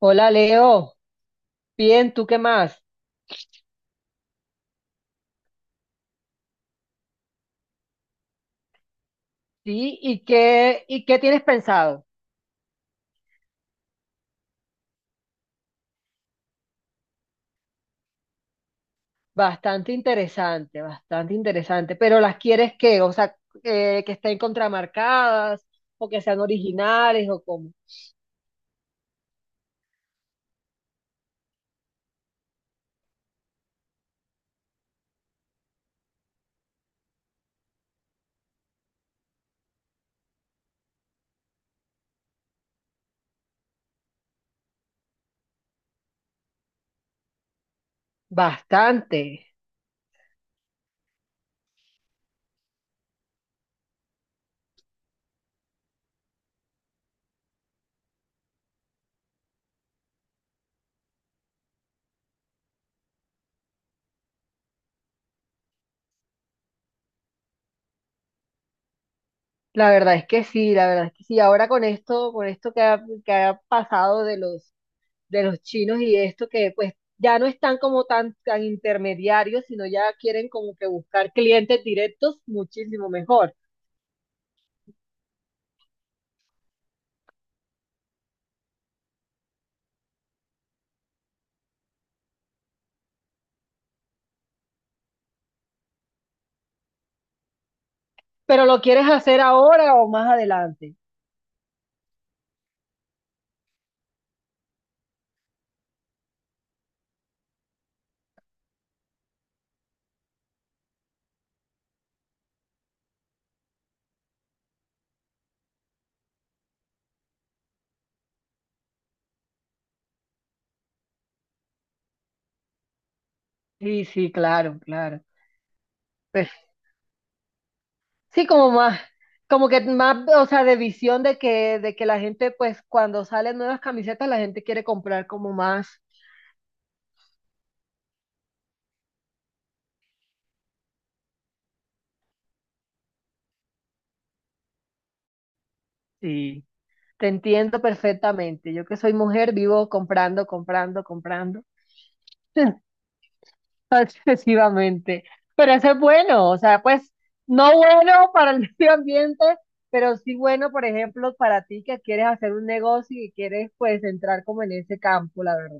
Hola Leo, bien, ¿tú qué más? Sí, y qué tienes pensado? Bastante interesante, pero ¿las quieres qué? O sea, que estén contramarcadas o que sean originales o como... Bastante, la verdad es que sí, la verdad es que sí. Ahora con esto que ha pasado de los chinos y esto que pues ya no están como tan, tan intermediarios, sino ya quieren como que buscar clientes directos muchísimo mejor. Pero lo quieres hacer ahora o más adelante. Sí, sí, claro, claro. Pues, sí, como más, como que más, o sea, de visión de que la gente, pues, cuando salen nuevas camisetas, la gente quiere comprar como más. Sí, te entiendo perfectamente. Yo que soy mujer, vivo comprando, comprando, comprando. Excesivamente. Pero eso es bueno, o sea, pues no bueno para el medio ambiente, pero sí bueno, por ejemplo, para ti que quieres hacer un negocio y quieres pues entrar como en ese campo, la verdad.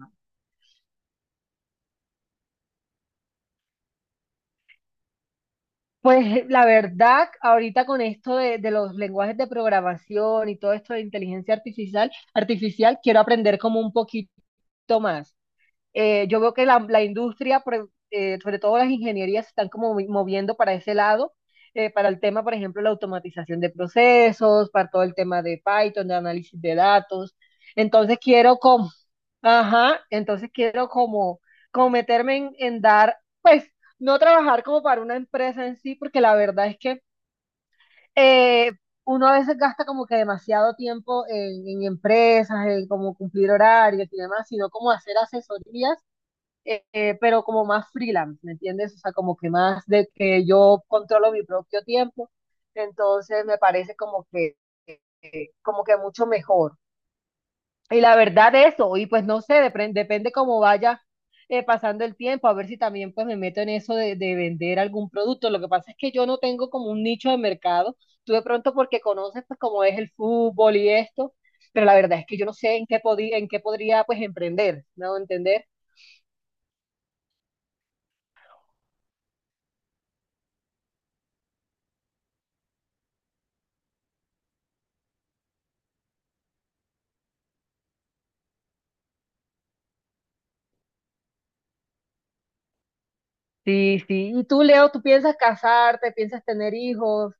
Pues la verdad, ahorita con esto de los lenguajes de programación y todo esto de inteligencia artificial, artificial, quiero aprender como un poquito más. Yo veo que la industria, sobre todo las ingenierías, se están como moviendo para ese lado, para el tema, por ejemplo, la automatización de procesos, para todo el tema de Python, de análisis de datos. Entonces quiero como, ajá, entonces quiero como, como meterme en dar, pues, no trabajar como para una empresa en sí, porque la verdad es que eh, uno a veces gasta como que demasiado tiempo en empresas, en como cumplir horarios y demás, sino como hacer asesorías pero como más freelance, ¿me entiendes? O sea, como que más de que yo controlo mi propio tiempo, entonces me parece como que mucho mejor. Y la verdad eso, y pues no sé, depende cómo vaya pasando el tiempo, a ver si también pues me meto en eso de vender algún producto. Lo que pasa es que yo no tengo como un nicho de mercado, tú de pronto porque conoces pues cómo es el fútbol y esto, pero la verdad es que yo no sé en qué, en qué podría pues emprender, ¿no? ¿Entender? Sí, sí. Y tú, Leo, tú piensas casarte, piensas tener hijos.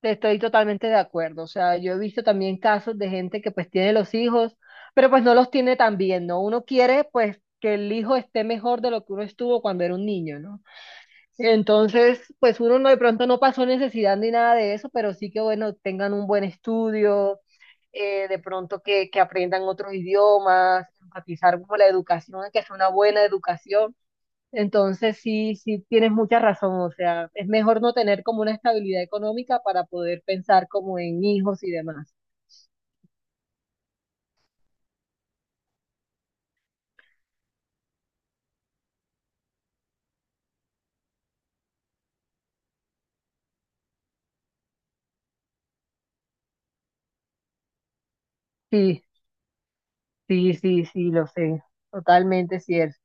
Te Estoy totalmente de acuerdo. O sea, yo he visto también casos de gente que pues tiene los hijos, pero pues no los tiene tan bien, ¿no? Uno quiere pues que el hijo esté mejor de lo que uno estuvo cuando era un niño, ¿no? Entonces, pues uno no, de pronto no pasó necesidad ni nada de eso, pero sí que bueno, tengan un buen estudio, de pronto que aprendan otros idiomas, enfatizar como la educación, que sea una buena educación. Entonces, sí, sí, tienes mucha razón. O sea, es mejor no tener como una estabilidad económica para poder pensar como en hijos y demás. Sí, sí, sí, sí, lo sé. Totalmente cierto.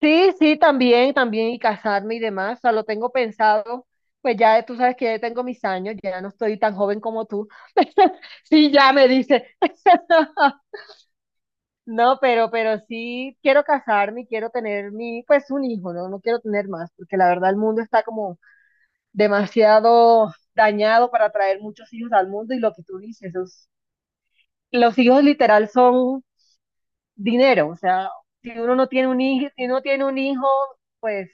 Sí, sí, también, también, y casarme y demás. O sea, lo tengo pensado. Pues ya tú sabes que ya tengo mis años, ya no estoy tan joven como tú. Sí, ya me dice. No, pero sí quiero casarme y quiero tener mi, pues un hijo, ¿no? No quiero tener más, porque la verdad el mundo está como demasiado dañado para traer muchos hijos al mundo y lo que tú dices, los hijos literal son dinero, o sea, si uno no tiene un hijo, si uno tiene un hijo, pues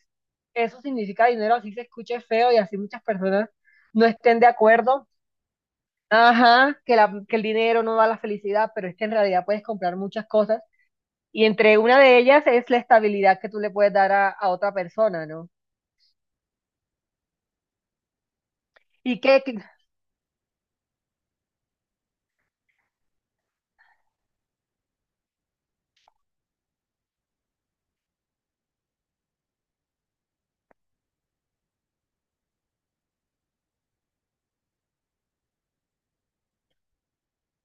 eso significa dinero, así se escuche feo y así muchas personas no estén de acuerdo. Ajá, que, la, que el dinero no da la felicidad, pero es que en realidad puedes comprar muchas cosas y entre una de ellas es la estabilidad que tú le puedes dar a otra persona, ¿no? Y que, que-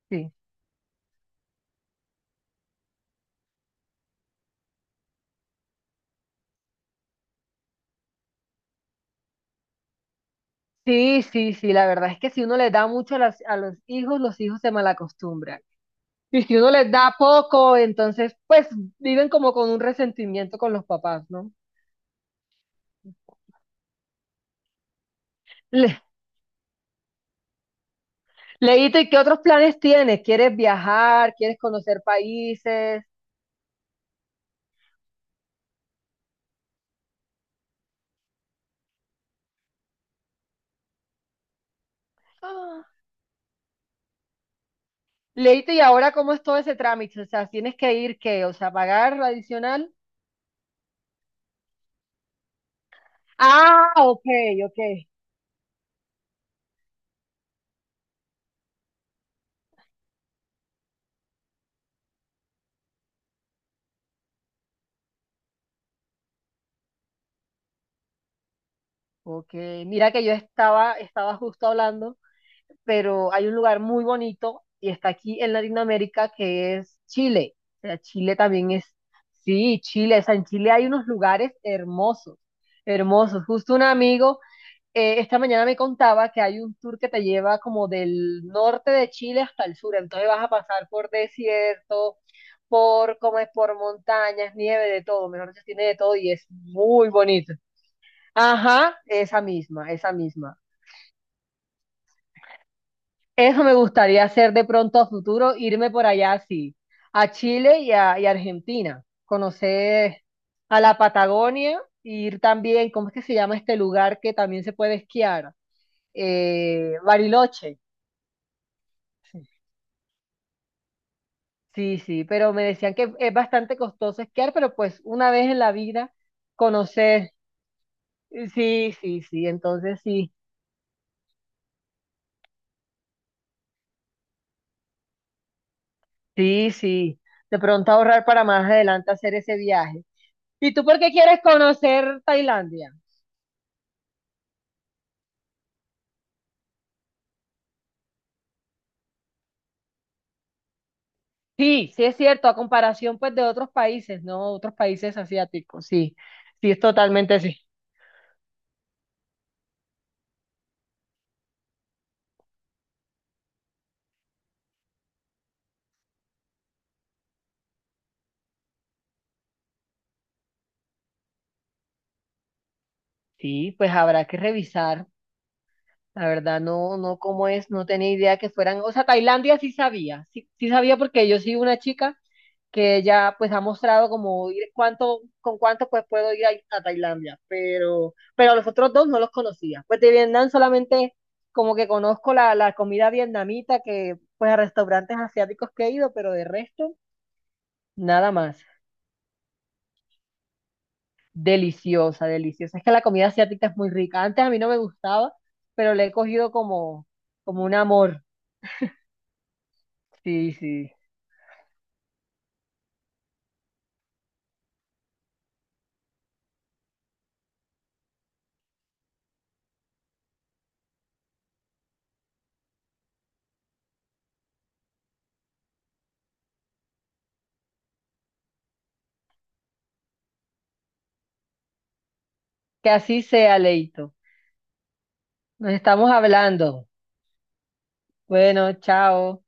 sí. Sí, sí, sí, la verdad es que si uno le da mucho a, a los hijos se malacostumbran. Y si uno les da poco, entonces pues viven como con un resentimiento con los papás, ¿no? Le, Leíto, ¿y qué otros planes tienes? ¿Quieres viajar? ¿Quieres conocer países? Ah. Leíto, ¿y ahora cómo es todo ese trámite? O sea, ¿tienes que ir qué? O sea, ¿pagar lo adicional? Ah, ok, ok. Ok, mira que yo estaba, estaba justo hablando, pero hay un lugar muy bonito y está aquí en Latinoamérica que es Chile. O sea, Chile también es, sí, Chile, o sea, en Chile hay unos lugares hermosos, hermosos. Justo un amigo esta mañana me contaba que hay un tour que te lleva como del norte de Chile hasta el sur, entonces vas a pasar por desierto, por, como es, por montañas, nieve, de todo, mejor dicho, tiene de todo y es muy bonito. Ajá, esa misma, esa misma. Eso me gustaría hacer de pronto a futuro, irme por allá así, a Chile y a Argentina, conocer a la Patagonia y ir también, ¿cómo es que se llama este lugar que también se puede esquiar? Bariloche. Sí, sí, sí, pero me decían que es bastante costoso esquiar, pero pues una vez en la vida conocer, sí, sí, sí, entonces sí, sí, sí, de pronto ahorrar para más adelante hacer ese viaje. ¿Y tú por qué quieres conocer Tailandia? Sí, sí es cierto, a comparación pues de otros países, ¿no? Otros países asiáticos, sí, sí es totalmente así. Sí, pues habrá que revisar, la verdad no, no cómo es, no tenía idea que fueran, o sea, Tailandia sí sabía, sí, sí sabía porque yo sí una chica que ella pues ha mostrado como ir, cuánto, con cuánto pues puedo ir a Tailandia, pero los otros dos no los conocía. Pues de Vietnam solamente como que conozco la, la comida vietnamita que pues a restaurantes asiáticos que he ido, pero de resto, nada más. Deliciosa, deliciosa. Es que la comida asiática es muy rica. Antes a mí no me gustaba, pero le he cogido como, como un amor. Sí, sí. Que así sea, Leito. Nos estamos hablando. Bueno, chao.